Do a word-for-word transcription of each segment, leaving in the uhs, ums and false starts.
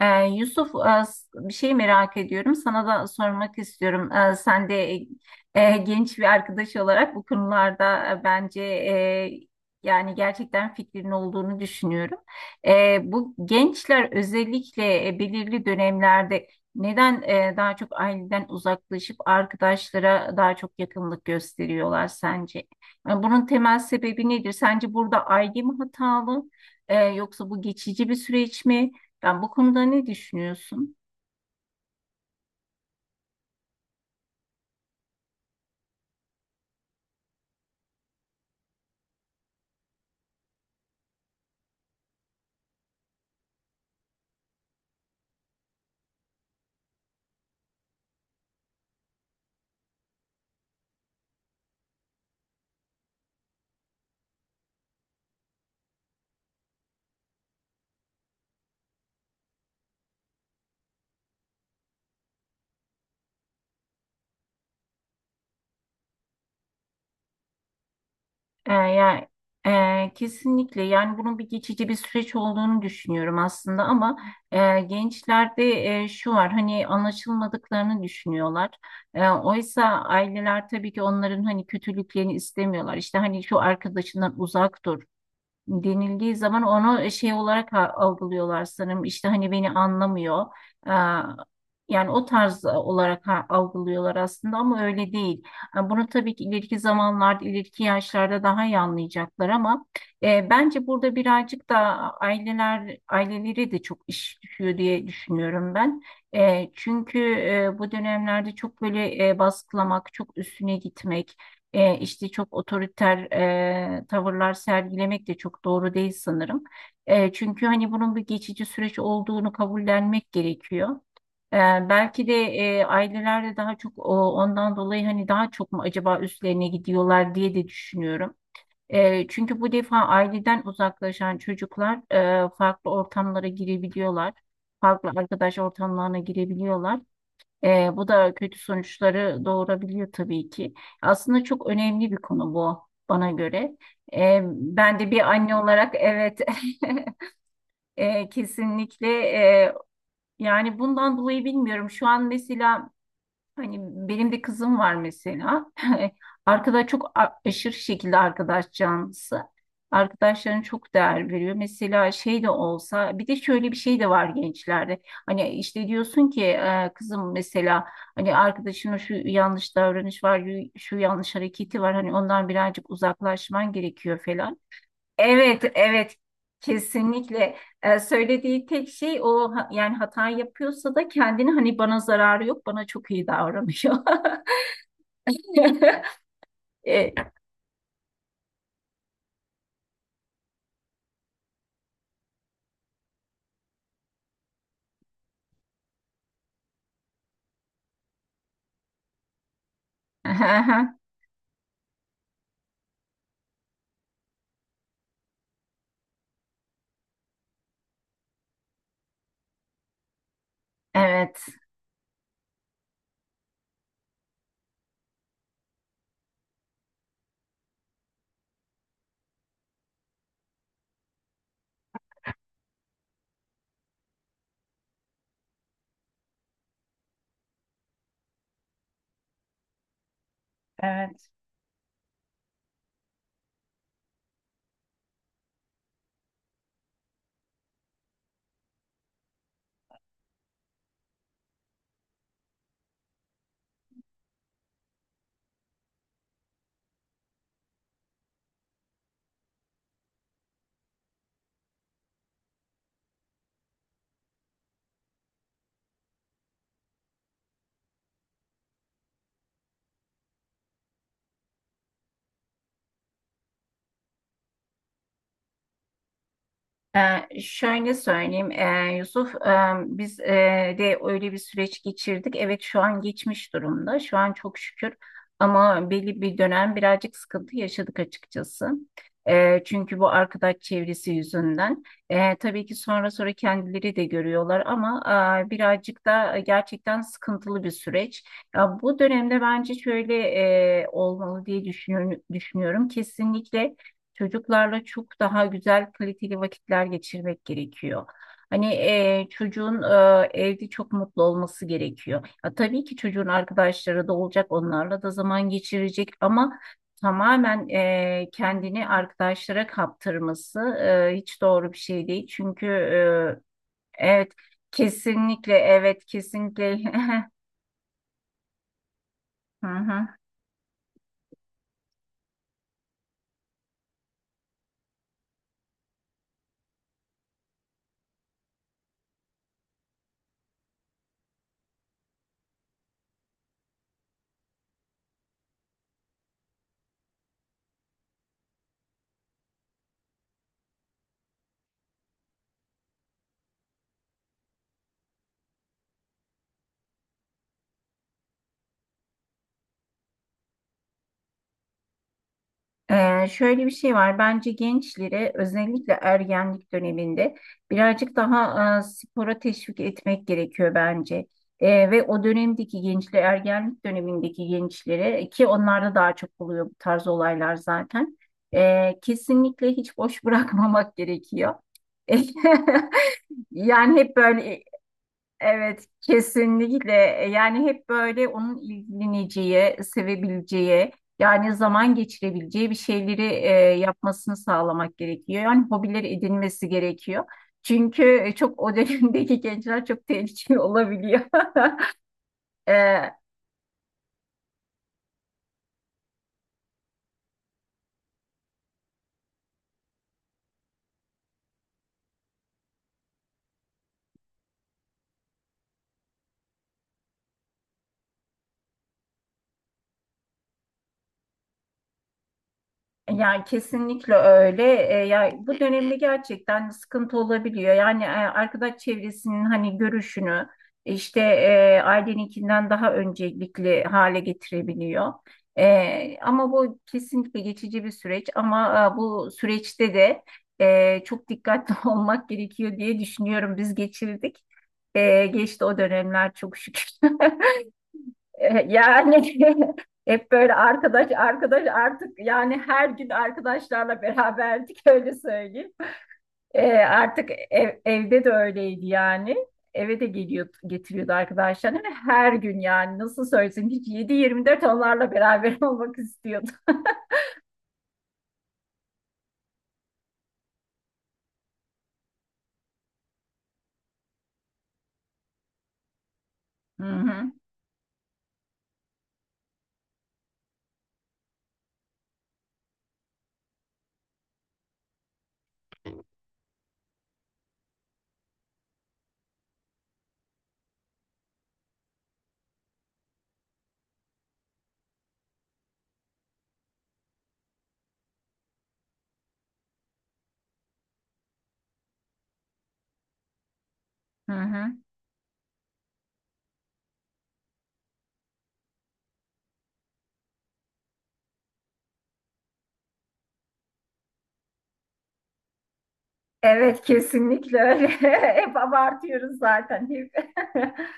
Ee, Yusuf, e, s- bir şey merak ediyorum. Sana da sormak istiyorum. Ee, sen de e, genç bir arkadaş olarak bu konularda e, bence e, yani gerçekten fikrin olduğunu düşünüyorum. Ee, bu gençler özellikle e, belirli dönemlerde neden e, daha çok aileden uzaklaşıp arkadaşlara daha çok yakınlık gösteriyorlar sence? Yani bunun temel sebebi nedir? Sence burada aile mi hatalı? Ee, yoksa bu geçici bir süreç mi? Ya bu konuda ne düşünüyorsun? Ee, ya e, kesinlikle yani bunun bir geçici bir süreç olduğunu düşünüyorum aslında ama e, gençlerde e, şu var hani anlaşılmadıklarını düşünüyorlar. E, oysa aileler tabii ki onların hani kötülüklerini istemiyorlar. İşte hani şu arkadaşından uzak dur, denildiği zaman onu şey olarak a- algılıyorlar sanırım. İşte hani beni anlamıyor. Aa, Yani o tarz olarak ha- algılıyorlar aslında ama öyle değil. Ha, Bunu tabii ki ileriki zamanlarda, ileriki yaşlarda daha iyi anlayacaklar ama e, bence burada birazcık da aileler, ailelere de çok iş düşüyor diye düşünüyorum ben. E, çünkü e, bu dönemlerde çok böyle e, baskılamak, çok üstüne gitmek, e, işte çok otoriter e, tavırlar sergilemek de çok doğru değil sanırım. E, çünkü hani bunun bir geçici süreç olduğunu kabullenmek gerekiyor. E, belki de e, aileler de daha çok o, ondan dolayı hani daha çok mu acaba üstlerine gidiyorlar diye de düşünüyorum. E, çünkü bu defa aileden uzaklaşan çocuklar e, farklı ortamlara girebiliyorlar. Farklı arkadaş ortamlarına girebiliyorlar. Ee, bu da kötü sonuçları doğurabiliyor tabii ki. Aslında çok önemli bir konu bu bana göre. Ee, ben de bir anne olarak evet e, kesinlikle e, yani bundan dolayı bilmiyorum. Şu an mesela, hani benim de kızım var mesela. Arkadaş çok a- aşırı şekilde arkadaş canlısı. Arkadaşlarına çok değer veriyor. Mesela şey de olsa bir de şöyle bir şey de var gençlerde. Hani işte diyorsun ki e, kızım mesela hani arkadaşına şu yanlış davranış var, şu yanlış hareketi var. Hani ondan birazcık uzaklaşman gerekiyor falan. Evet, evet. Kesinlikle. Ee, söylediği tek şey o ha- yani hata yapıyorsa da kendini hani bana zararı yok, bana çok iyi davranıyor. Ee, Evet, evet. Ee, şöyle söyleyeyim ee, Yusuf, ee, biz ee, de öyle bir süreç geçirdik. Evet, şu an geçmiş durumda. Şu an çok şükür ama belli bir dönem birazcık sıkıntı yaşadık açıkçası. Ee, çünkü bu arkadaş çevresi yüzünden. Ee, tabii ki sonra sonra kendileri de görüyorlar ama aa, birazcık da gerçekten sıkıntılı bir süreç. Ya, bu dönemde bence şöyle ee, olmalı diye düşünüyorum. düşünüyorum. Kesinlikle. Çocuklarla çok daha güzel kaliteli vakitler geçirmek gerekiyor. Hani e, çocuğun e, evde çok mutlu olması gerekiyor. Ya, tabii ki çocuğun arkadaşları da olacak, onlarla da zaman geçirecek ama tamamen e, kendini arkadaşlara kaptırması e, hiç doğru bir şey değil. Çünkü e, evet, kesinlikle, evet, kesinlikle. Hı hı. Ee, şöyle bir şey var. Bence gençlere özellikle ergenlik döneminde birazcık daha e, spora teşvik etmek gerekiyor bence. E, ve o dönemdeki gençler, ergenlik dönemindeki gençlere ki onlarda daha çok oluyor bu tarz olaylar zaten. e, kesinlikle hiç boş bırakmamak gerekiyor. Yani hep böyle. Evet, kesinlikle. E, Yani hep böyle onun ilgileneceği, sevebileceği, yani zaman geçirebileceği bir şeyleri e, yapmasını sağlamak gerekiyor. Yani hobileri edinmesi gerekiyor. Çünkü e, çok o dönemdeki gençler çok tehlikeli olabiliyor. E, Yani kesinlikle öyle. E, ya bu dönemde gerçekten sıkıntı olabiliyor. Yani e, arkadaş çevresinin hani görüşünü işte e, aileninkinden daha öncelikli hale getirebiliyor. E, ama bu kesinlikle geçici bir süreç. Ama e, bu süreçte de e, çok dikkatli olmak gerekiyor diye düşünüyorum. Biz geçirdik. E, geçti o dönemler çok şükür. E, Yani hep böyle arkadaş arkadaş artık yani her gün arkadaşlarla beraberdik öyle söyleyeyim. E, artık ev- evde de öyleydi yani. Eve de geliyordu getiriyordu arkadaşlarını ve her gün yani nasıl söylesem hiç yedi yirmi dört onlarla beraber olmak istiyordu. Hı hı, hı hı. Evet, kesinlikle öyle. Hep abartıyoruz zaten. Hep.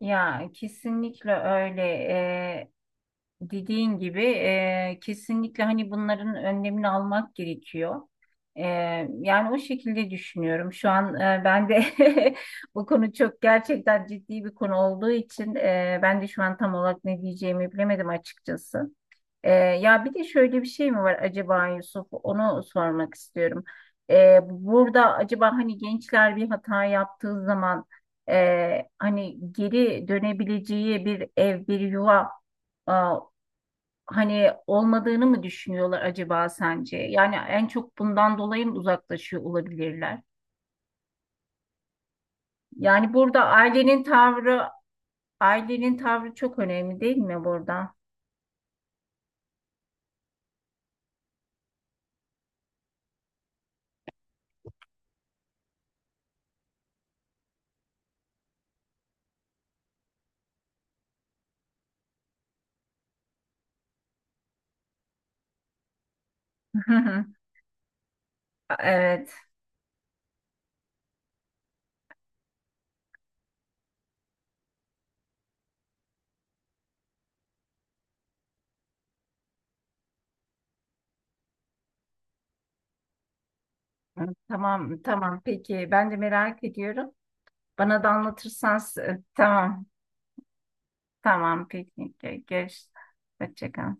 Ya, kesinlikle öyle. E, Dediğin gibi e, kesinlikle hani bunların önlemini almak gerekiyor. E, yani o şekilde düşünüyorum. Şu an e, ben de bu konu çok gerçekten ciddi bir konu olduğu için e, ben de şu an tam olarak ne diyeceğimi bilemedim açıkçası. E, ya bir de şöyle bir şey mi var acaba Yusuf? Onu sormak istiyorum. E, burada acaba hani gençler bir hata yaptığı zaman e, hani geri dönebileceği bir ev, bir yuva hani olmadığını mı düşünüyorlar acaba sence? Yani en çok bundan dolayı mı uzaklaşıyor olabilirler? Yani burada ailenin tavrı ailenin tavrı çok önemli değil mi burada? Evet. Tamam, tamam. Peki. Ben de merak ediyorum. Bana da anlatırsan s- tamam. Tamam. Peki. Gö- Görüş. Hoşça kal.